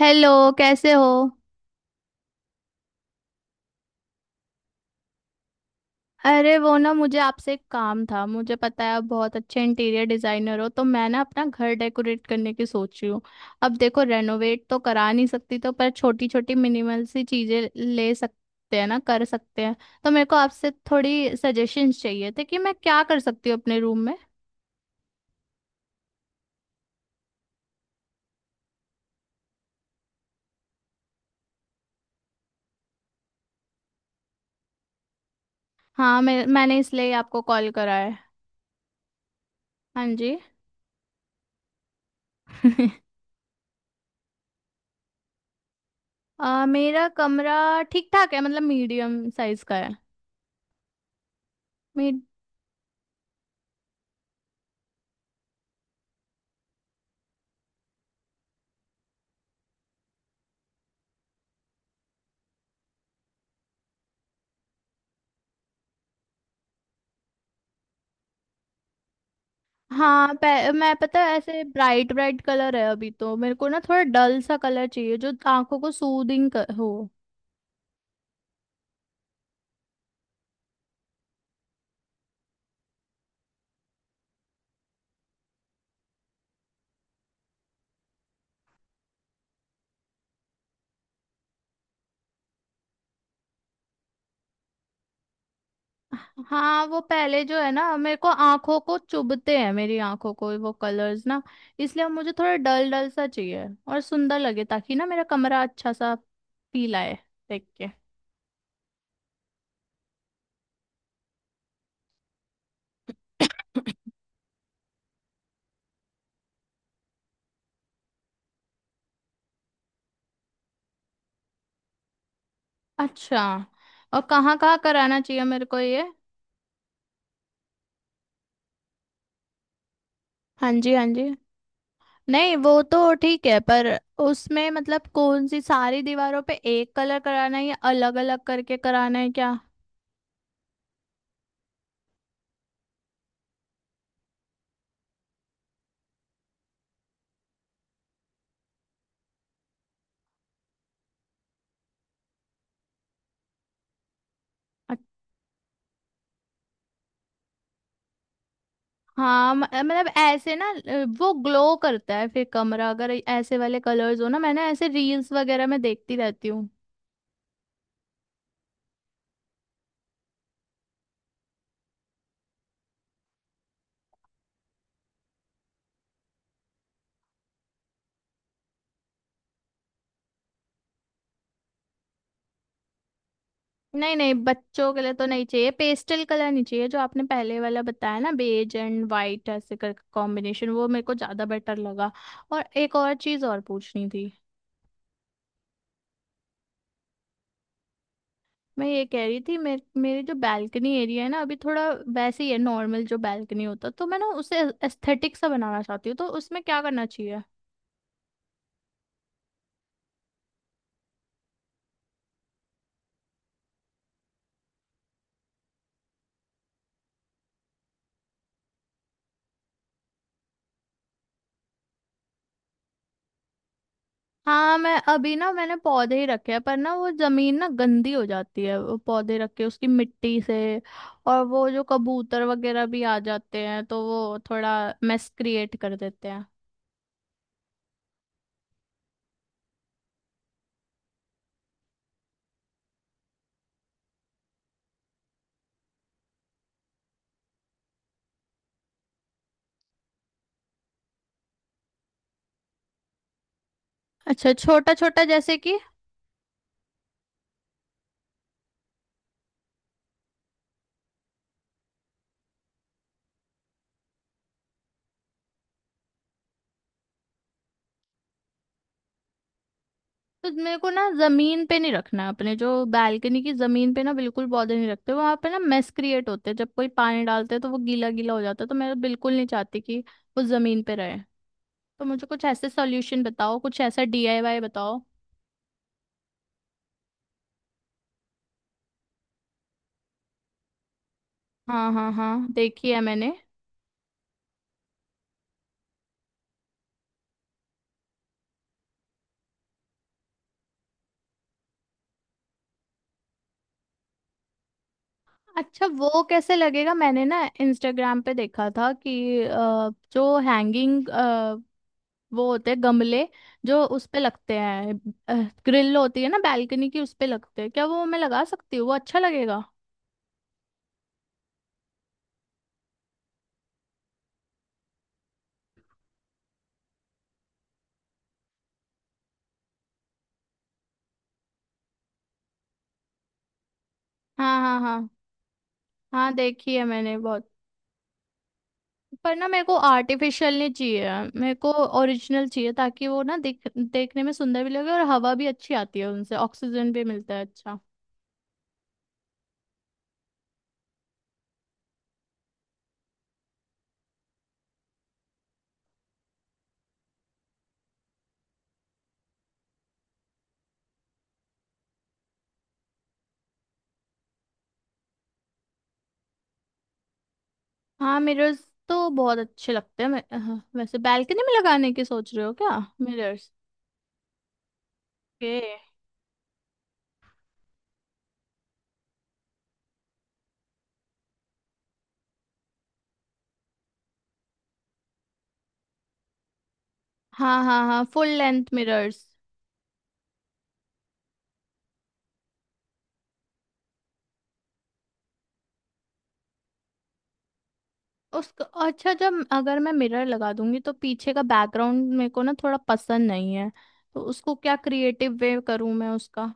Hello. कैसे हो? अरे वो ना, मुझे आपसे एक काम था। मुझे पता है आप बहुत अच्छे इंटीरियर डिजाइनर हो, तो मैं ना अपना घर डेकोरेट करने की सोच रही हूँ। अब देखो, रेनोवेट तो करा नहीं सकती तो, पर छोटी छोटी मिनिमल सी चीजें ले सकते हैं ना, कर सकते हैं। तो मेरे को आपसे थोड़ी सजेशंस चाहिए थे कि मैं क्या कर सकती हूँ अपने रूम में। हाँ, मैंने इसलिए ही आपको कॉल करा है। हाँ जी। मेरा कमरा ठीक ठाक है, मतलब मीडियम साइज का है। हाँ, मैं पता है ऐसे ब्राइट ब्राइट कलर है अभी, तो मेरे को ना थोड़ा डल सा कलर चाहिए जो आंखों को सूदिंग हो। हाँ, वो पहले जो है ना, मेरे को आंखों को चुभते हैं मेरी आंखों को वो कलर्स ना। इसलिए अब मुझे थोड़ा डल डल सा चाहिए और सुंदर लगे, ताकि ना मेरा कमरा अच्छा सा फील आए देख के। अच्छा, और कहाँ कहाँ कराना चाहिए मेरे को ये? हाँ जी, हाँ जी। नहीं, वो तो ठीक है, पर उसमें मतलब कौन सी, सारी दीवारों पे एक कलर कराना है या अलग अलग करके कराना है क्या? अच- हाँ, मतलब ऐसे ना, वो ग्लो करता है फिर कमरा अगर ऐसे वाले कलर्स हो ना, मैंने ऐसे रील्स वगैरह में देखती रहती हूँ। नहीं नहीं, बच्चों के लिए तो नहीं चाहिए, पेस्टल कलर नहीं चाहिए। जो आपने पहले वाला बताया ना, बेज एंड वाइट ऐसे करके कॉम्बिनेशन, वो मेरे को ज्यादा बेटर लगा। और एक और चीज और पूछनी थी। मैं ये कह रही थी, मेरे मेरे जो बैल्कनी एरिया है ना, अभी थोड़ा वैसे ही है, नॉर्मल जो बैल्कनी होता है, तो मैं ना उसे एस्थेटिक सा बनाना चाहती हूँ, तो उसमें क्या करना चाहिए? हाँ, मैं अभी ना मैंने पौधे ही रखे हैं, पर ना वो जमीन ना गंदी हो जाती है वो पौधे रख के उसकी मिट्टी से। और वो जो कबूतर वगैरह भी आ जाते हैं, तो वो थोड़ा मेस क्रिएट कर देते हैं। अच्छा, छोटा छोटा, जैसे कि? तो मेरे को ना जमीन पे नहीं रखना है अपने जो बालकनी की जमीन पे ना, बिल्कुल पौधे नहीं रखते वहां पे ना, मेस क्रिएट होते हैं जब कोई पानी डालते हैं तो वो गीला गीला हो जाता है। तो मैं बिल्कुल नहीं चाहती कि वो जमीन पे रहे। तो मुझे कुछ ऐसे सॉल्यूशन बताओ, कुछ ऐसा डीआईवाई बताओ। हाँ हाँ हाँ, देखी है मैंने। अच्छा, वो कैसे लगेगा? मैंने ना इंस्टाग्राम पे देखा था कि जो हैंगिंग वो होते हैं गमले, जो उस पे लगते हैं, ग्रिल होती है ना बैल्कनी की, उस पे लगते हैं, क्या वो मैं लगा सकती हूँ? वो अच्छा लगेगा? हाँ हाँ हाँ। हाँ, देखी है मैंने बहुत। पर ना मेरे को आर्टिफिशियल नहीं चाहिए, मेरे को ओरिजिनल चाहिए, ताकि वो ना दिख देखने में सुंदर भी लगे और हवा भी अच्छी आती है, उनसे ऑक्सीजन भी मिलता है अच्छा। हाँ, मिरर्स तो बहुत अच्छे लगते हैं। मैं हाँ, वैसे बैल्कनी में लगाने की सोच रहे हो क्या मिरर्स के? हाँ हाँ हाँ, फुल लेंथ मिरर्स। उसका अच्छा, जब अगर मैं मिरर लगा दूंगी तो पीछे का बैकग्राउंड मेरे को ना थोड़ा पसंद नहीं है, तो उसको क्या क्रिएटिव वे करूं मैं उसका?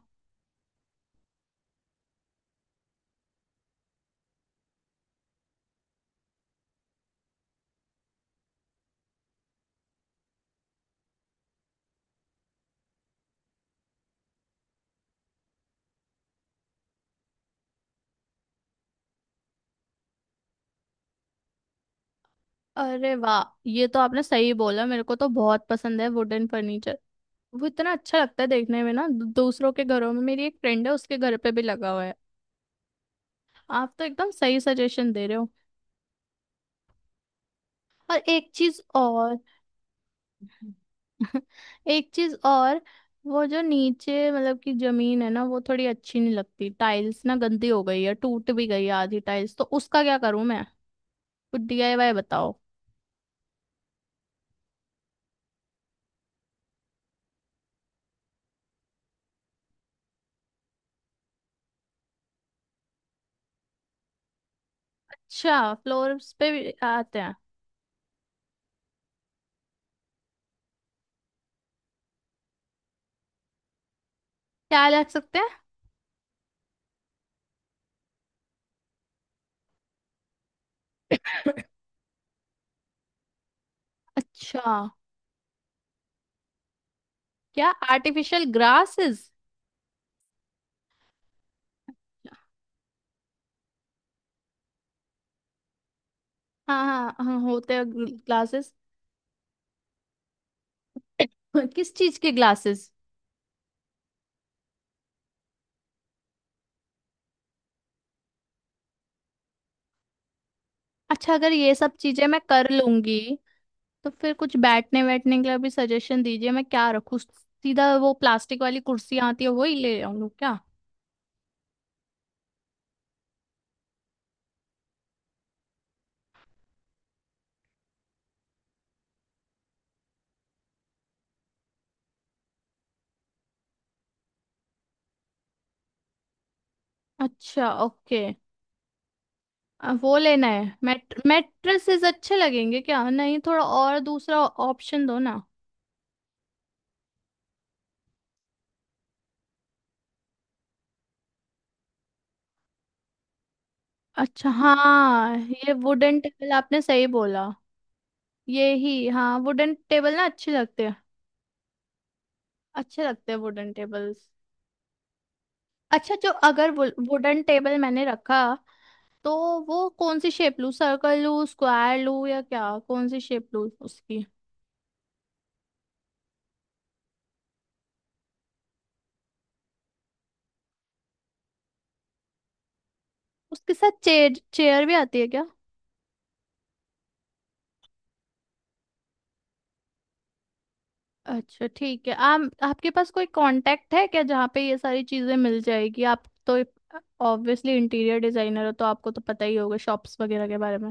अरे वाह, ये तो आपने सही बोला, मेरे को तो बहुत पसंद है वुडन फर्नीचर। वो इतना अच्छा लगता है देखने में ना, दूसरों के घरों में, मेरी एक फ्रेंड है उसके घर पे भी लगा हुआ है। आप तो एकदम सही सजेशन दे रहे हो। और एक चीज और। एक चीज और, वो जो नीचे, मतलब कि जमीन है ना, वो थोड़ी अच्छी नहीं लगती, टाइल्स ना गंदी हो गई है, टूट भी गई है आधी टाइल्स, तो उसका क्या करूं मैं? कुछ डीआईवाई बताओ। अच्छा, फ्लोर्स पे भी आते हैं? क्या लग सकते हैं? अच्छा। क्या, आर्टिफिशियल ग्रासेस? हाँ हाँ हाँ, होते हैं ग्लासेस। किस चीज के ग्लासेस? अच्छा, अगर ये सब चीजें मैं कर लूंगी तो फिर कुछ बैठने बैठने के लिए भी सजेशन दीजिए, मैं क्या रखूँ? सीधा वो प्लास्टिक वाली कुर्सी आती है वो ही ले आऊँ क्या? अच्छा ओके, वो लेना है? मैट्रेसेस अच्छे लगेंगे क्या? नहीं, थोड़ा और दूसरा ऑप्शन दो ना। अच्छा हाँ, ये वुडन टेबल आपने सही बोला। ये ही हाँ, वुडन टेबल ना अच्छे लगते हैं, अच्छे लगते हैं वुडन टेबल्स। अच्छा, जो अगर वुडन टेबल मैंने रखा तो वो कौन सी शेप लूँ? सर्कल लूँ, स्क्वायर लूँ, या क्या, कौन सी शेप लूँ उसकी? उसके साथ चेयर चेयर भी आती है क्या? अच्छा ठीक है। आप, आपके पास कोई कांटेक्ट है क्या, जहाँ पे ये सारी चीजें मिल जाएगी? आप तो ऑब्वियसली इंटीरियर डिजाइनर हो, तो आपको तो पता ही होगा शॉप्स वगैरह के बारे में।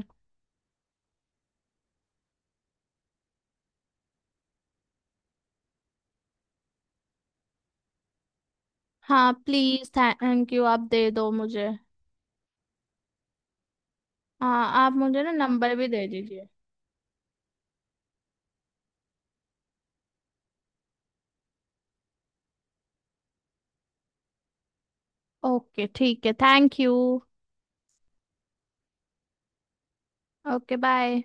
हाँ प्लीज, थैंक यू, आप दे दो मुझे। हाँ, आप मुझे ना नंबर भी दे दीजिए। ओके ठीक है, थैंक यू। Okay, bye.